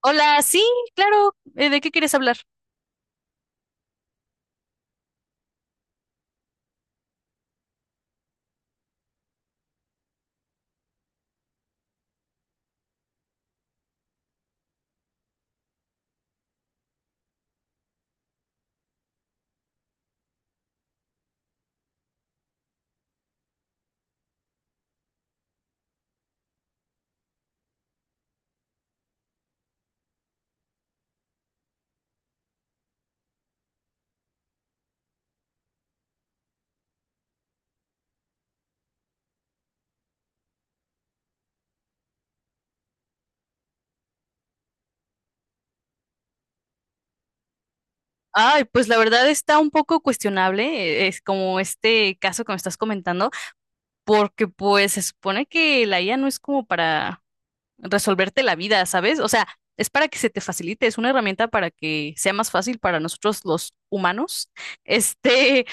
Hola, sí, claro. ¿De qué quieres hablar? Ay, pues la verdad está un poco cuestionable, es como este caso que me estás comentando, porque pues se supone que la IA no es como para resolverte la vida, ¿sabes? O sea, es para que se te facilite, es una herramienta para que sea más fácil para nosotros los humanos, este,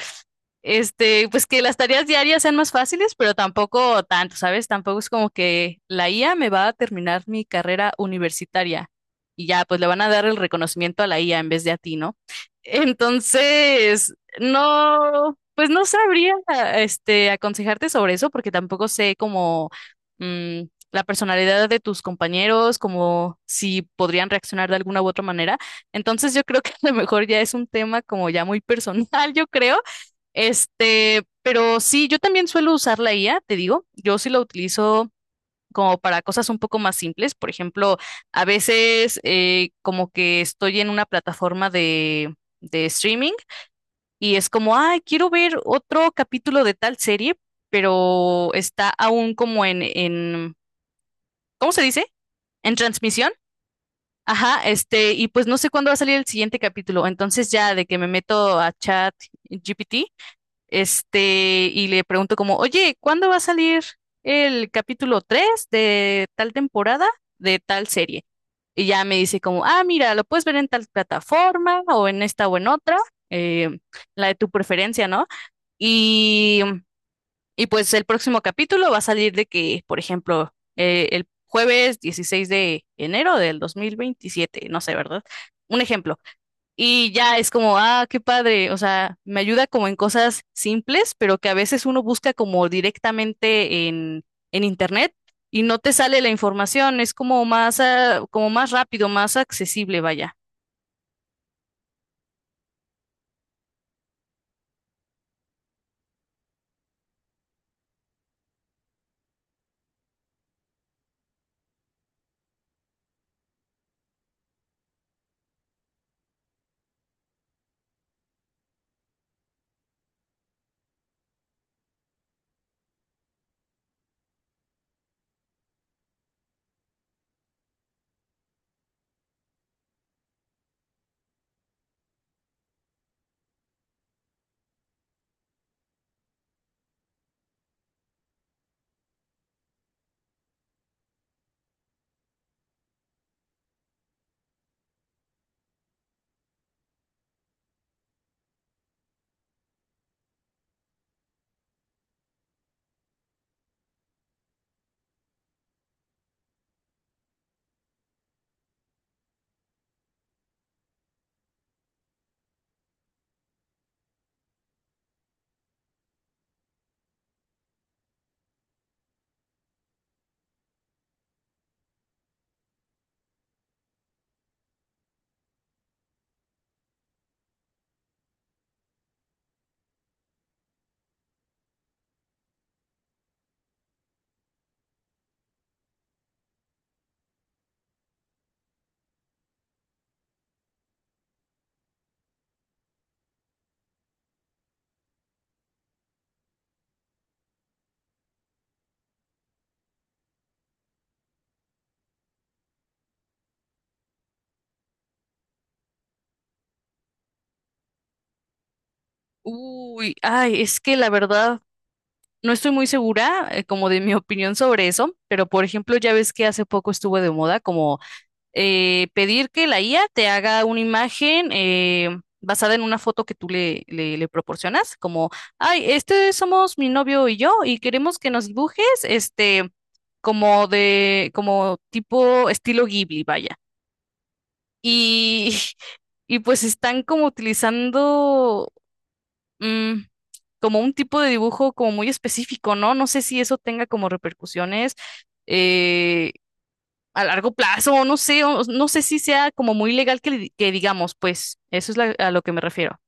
pues que las tareas diarias sean más fáciles, pero tampoco tanto, ¿sabes? Tampoco es como que la IA me va a terminar mi carrera universitaria y ya, pues le van a dar el reconocimiento a la IA en vez de a ti, ¿no? Entonces, no, pues no sabría, aconsejarte sobre eso porque tampoco sé cómo mm, la personalidad de tus compañeros, como si podrían reaccionar de alguna u otra manera. Entonces, yo creo que a lo mejor ya es un tema como ya muy personal, yo creo. Pero sí, yo también suelo usar la IA, te digo, yo sí la utilizo como para cosas un poco más simples. Por ejemplo, a veces como que estoy en una plataforma de streaming y es como, ay, quiero ver otro capítulo de tal serie, pero está aún como en, ¿cómo se dice? En transmisión. Ajá, y pues no sé cuándo va a salir el siguiente capítulo. Entonces ya de que me meto a Chat GPT. Y le pregunto como, oye, ¿cuándo va a salir el capítulo 3 de tal temporada de tal serie? Y ya me dice como, ah, mira, lo puedes ver en tal plataforma o en esta o en otra, eh, la de tu preferencia, ¿no? Y, y pues el próximo capítulo va a salir de que, por ejemplo, el jueves 16 de enero del 2027, no sé, ¿verdad? Un ejemplo. Y ya es como, ah, qué padre. O sea, me ayuda como en cosas simples, pero que a veces uno busca como directamente en internet y no te sale la información. Es como más, ah, como más rápido, más accesible, vaya. Uy, ay, es que la verdad no estoy muy segura, como de mi opinión sobre eso, pero por ejemplo, ya ves que hace poco estuvo de moda como pedir que la IA te haga una imagen basada en una foto que tú le proporcionas, como, ay, somos mi novio y yo, y queremos que nos dibujes, como de, como tipo estilo Ghibli, vaya. Y, y pues están como utilizando, mm, como un tipo de dibujo como muy específico, ¿no? No sé si eso tenga como repercusiones. eh, a largo plazo, no sé, no sé si sea como muy legal que, que digamos, pues eso es a lo que me refiero.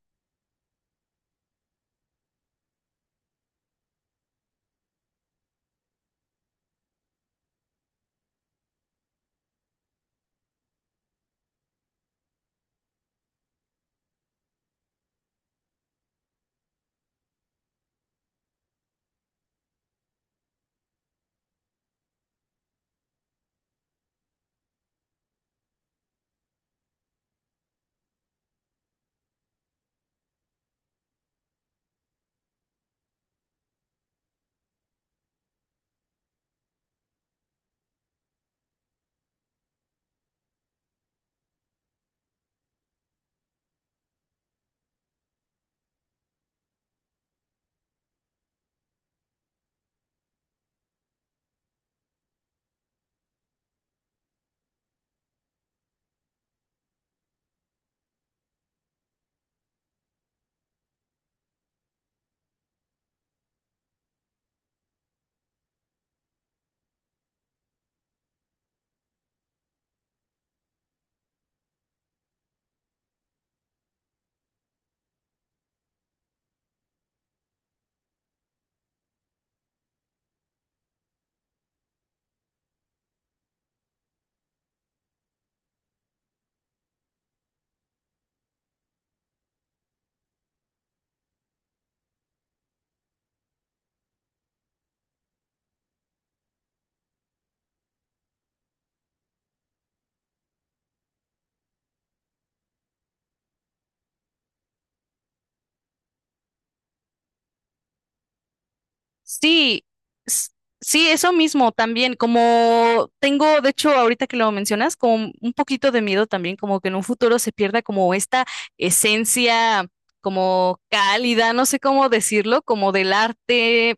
Sí, s- sí, eso mismo también, como tengo, de hecho, ahorita que lo mencionas, como un poquito de miedo también, como que en un futuro se pierda como esta esencia como cálida, no sé cómo decirlo, como del arte,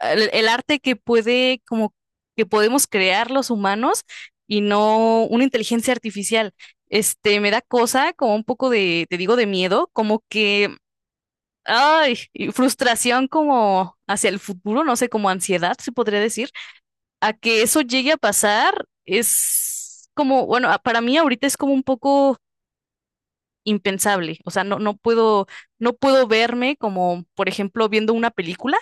el arte que puede, como que podemos crear los humanos y no una inteligencia artificial. Me da cosa, como un poco de, te digo, de miedo, como que, ay, y frustración como hacia el futuro, no sé, como ansiedad, se podría decir, a que eso llegue a pasar es como, bueno, para mí ahorita es como un poco impensable. O sea, no, no puedo, no puedo verme como, por ejemplo, viendo una película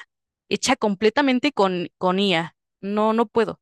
hecha completamente con IA. No, no puedo.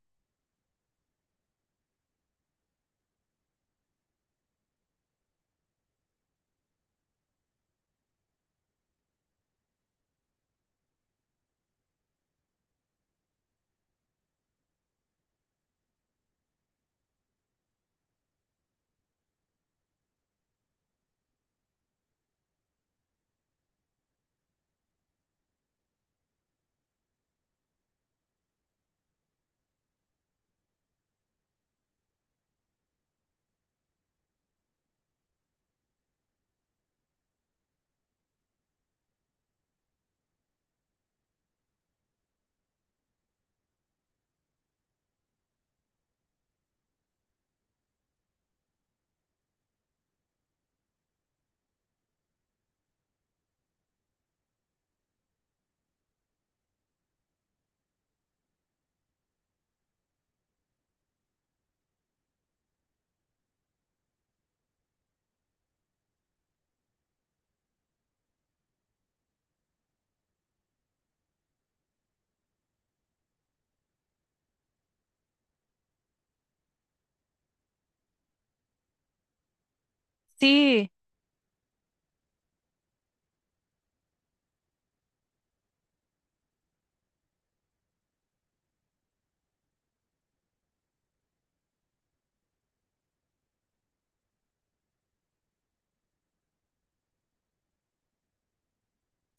Sí,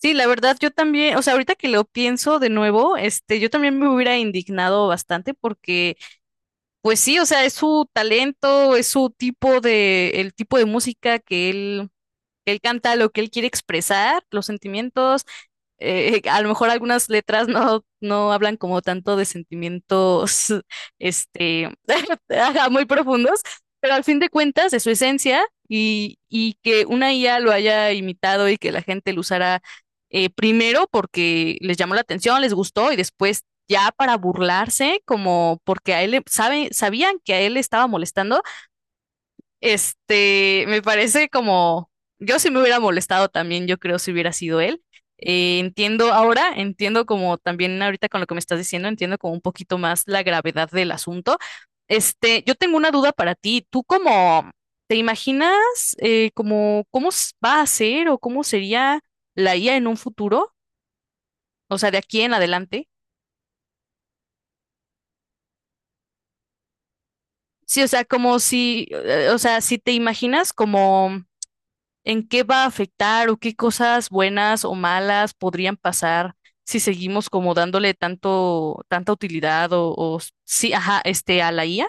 sí, la verdad, yo también, o sea, ahorita que lo pienso de nuevo, yo también me hubiera indignado bastante porque, pues sí, o sea, es su talento, es su tipo de, el tipo de música que él canta, lo que él quiere expresar, los sentimientos, a lo mejor algunas letras no, no hablan como tanto de sentimientos, este, ajá, muy profundos, pero al fin de cuentas es su esencia y que una IA lo haya imitado y que la gente lo usara, primero porque les llamó la atención, les gustó y después ya para burlarse, como porque a él sabían que a él le estaba molestando, me parece como, yo sí me hubiera molestado también, yo creo, si hubiera sido él. Entiendo ahora, entiendo como también ahorita con lo que me estás diciendo, entiendo como un poquito más la gravedad del asunto. Yo tengo una duda para ti. ¿Tú cómo te imaginas, como cómo va a ser o cómo sería la IA en un futuro? O sea, de aquí en adelante. Sí, o sea, como si, o sea, si te imaginas como en qué va a afectar o qué cosas buenas o malas podrían pasar si seguimos como dándole tanto, tanta utilidad o sí, ajá, a la IA.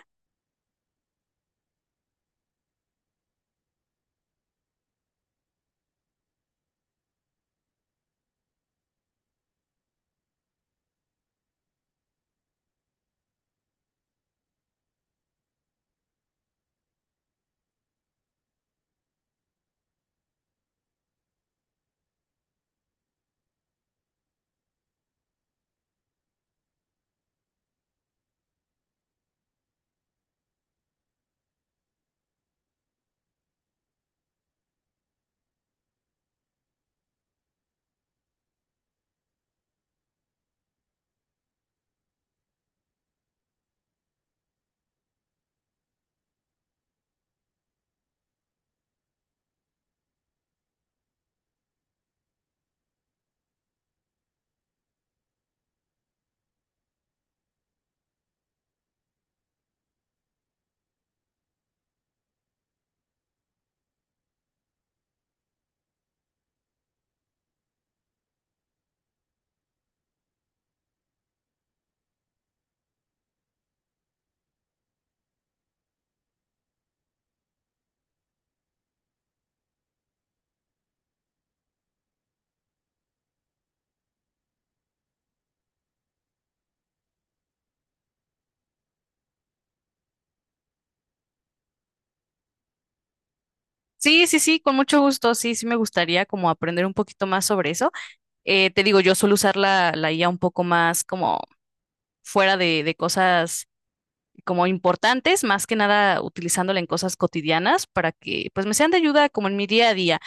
Sí, sí, sí, con mucho gusto, sí, sí me gustaría como aprender un poquito más sobre eso. Te digo, yo suelo usar la IA un poco más como fuera de cosas como importantes, más que nada utilizándola en cosas cotidianas para que pues me sean de ayuda como en mi día a día.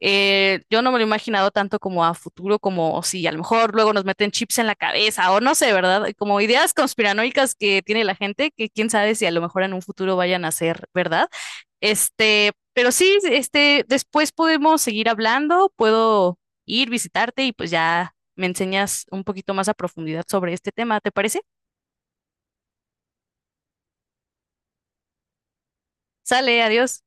Yo no me lo he imaginado tanto como a futuro, como si a lo mejor luego nos meten chips en la cabeza o no sé, ¿verdad? Como ideas conspiranoicas que tiene la gente, que quién sabe si a lo mejor en un futuro vayan a ser, ¿verdad? Pero sí, después podemos seguir hablando, puedo ir, visitarte y pues ya me enseñas un poquito más a profundidad sobre este tema, ¿te parece? Sale, adiós.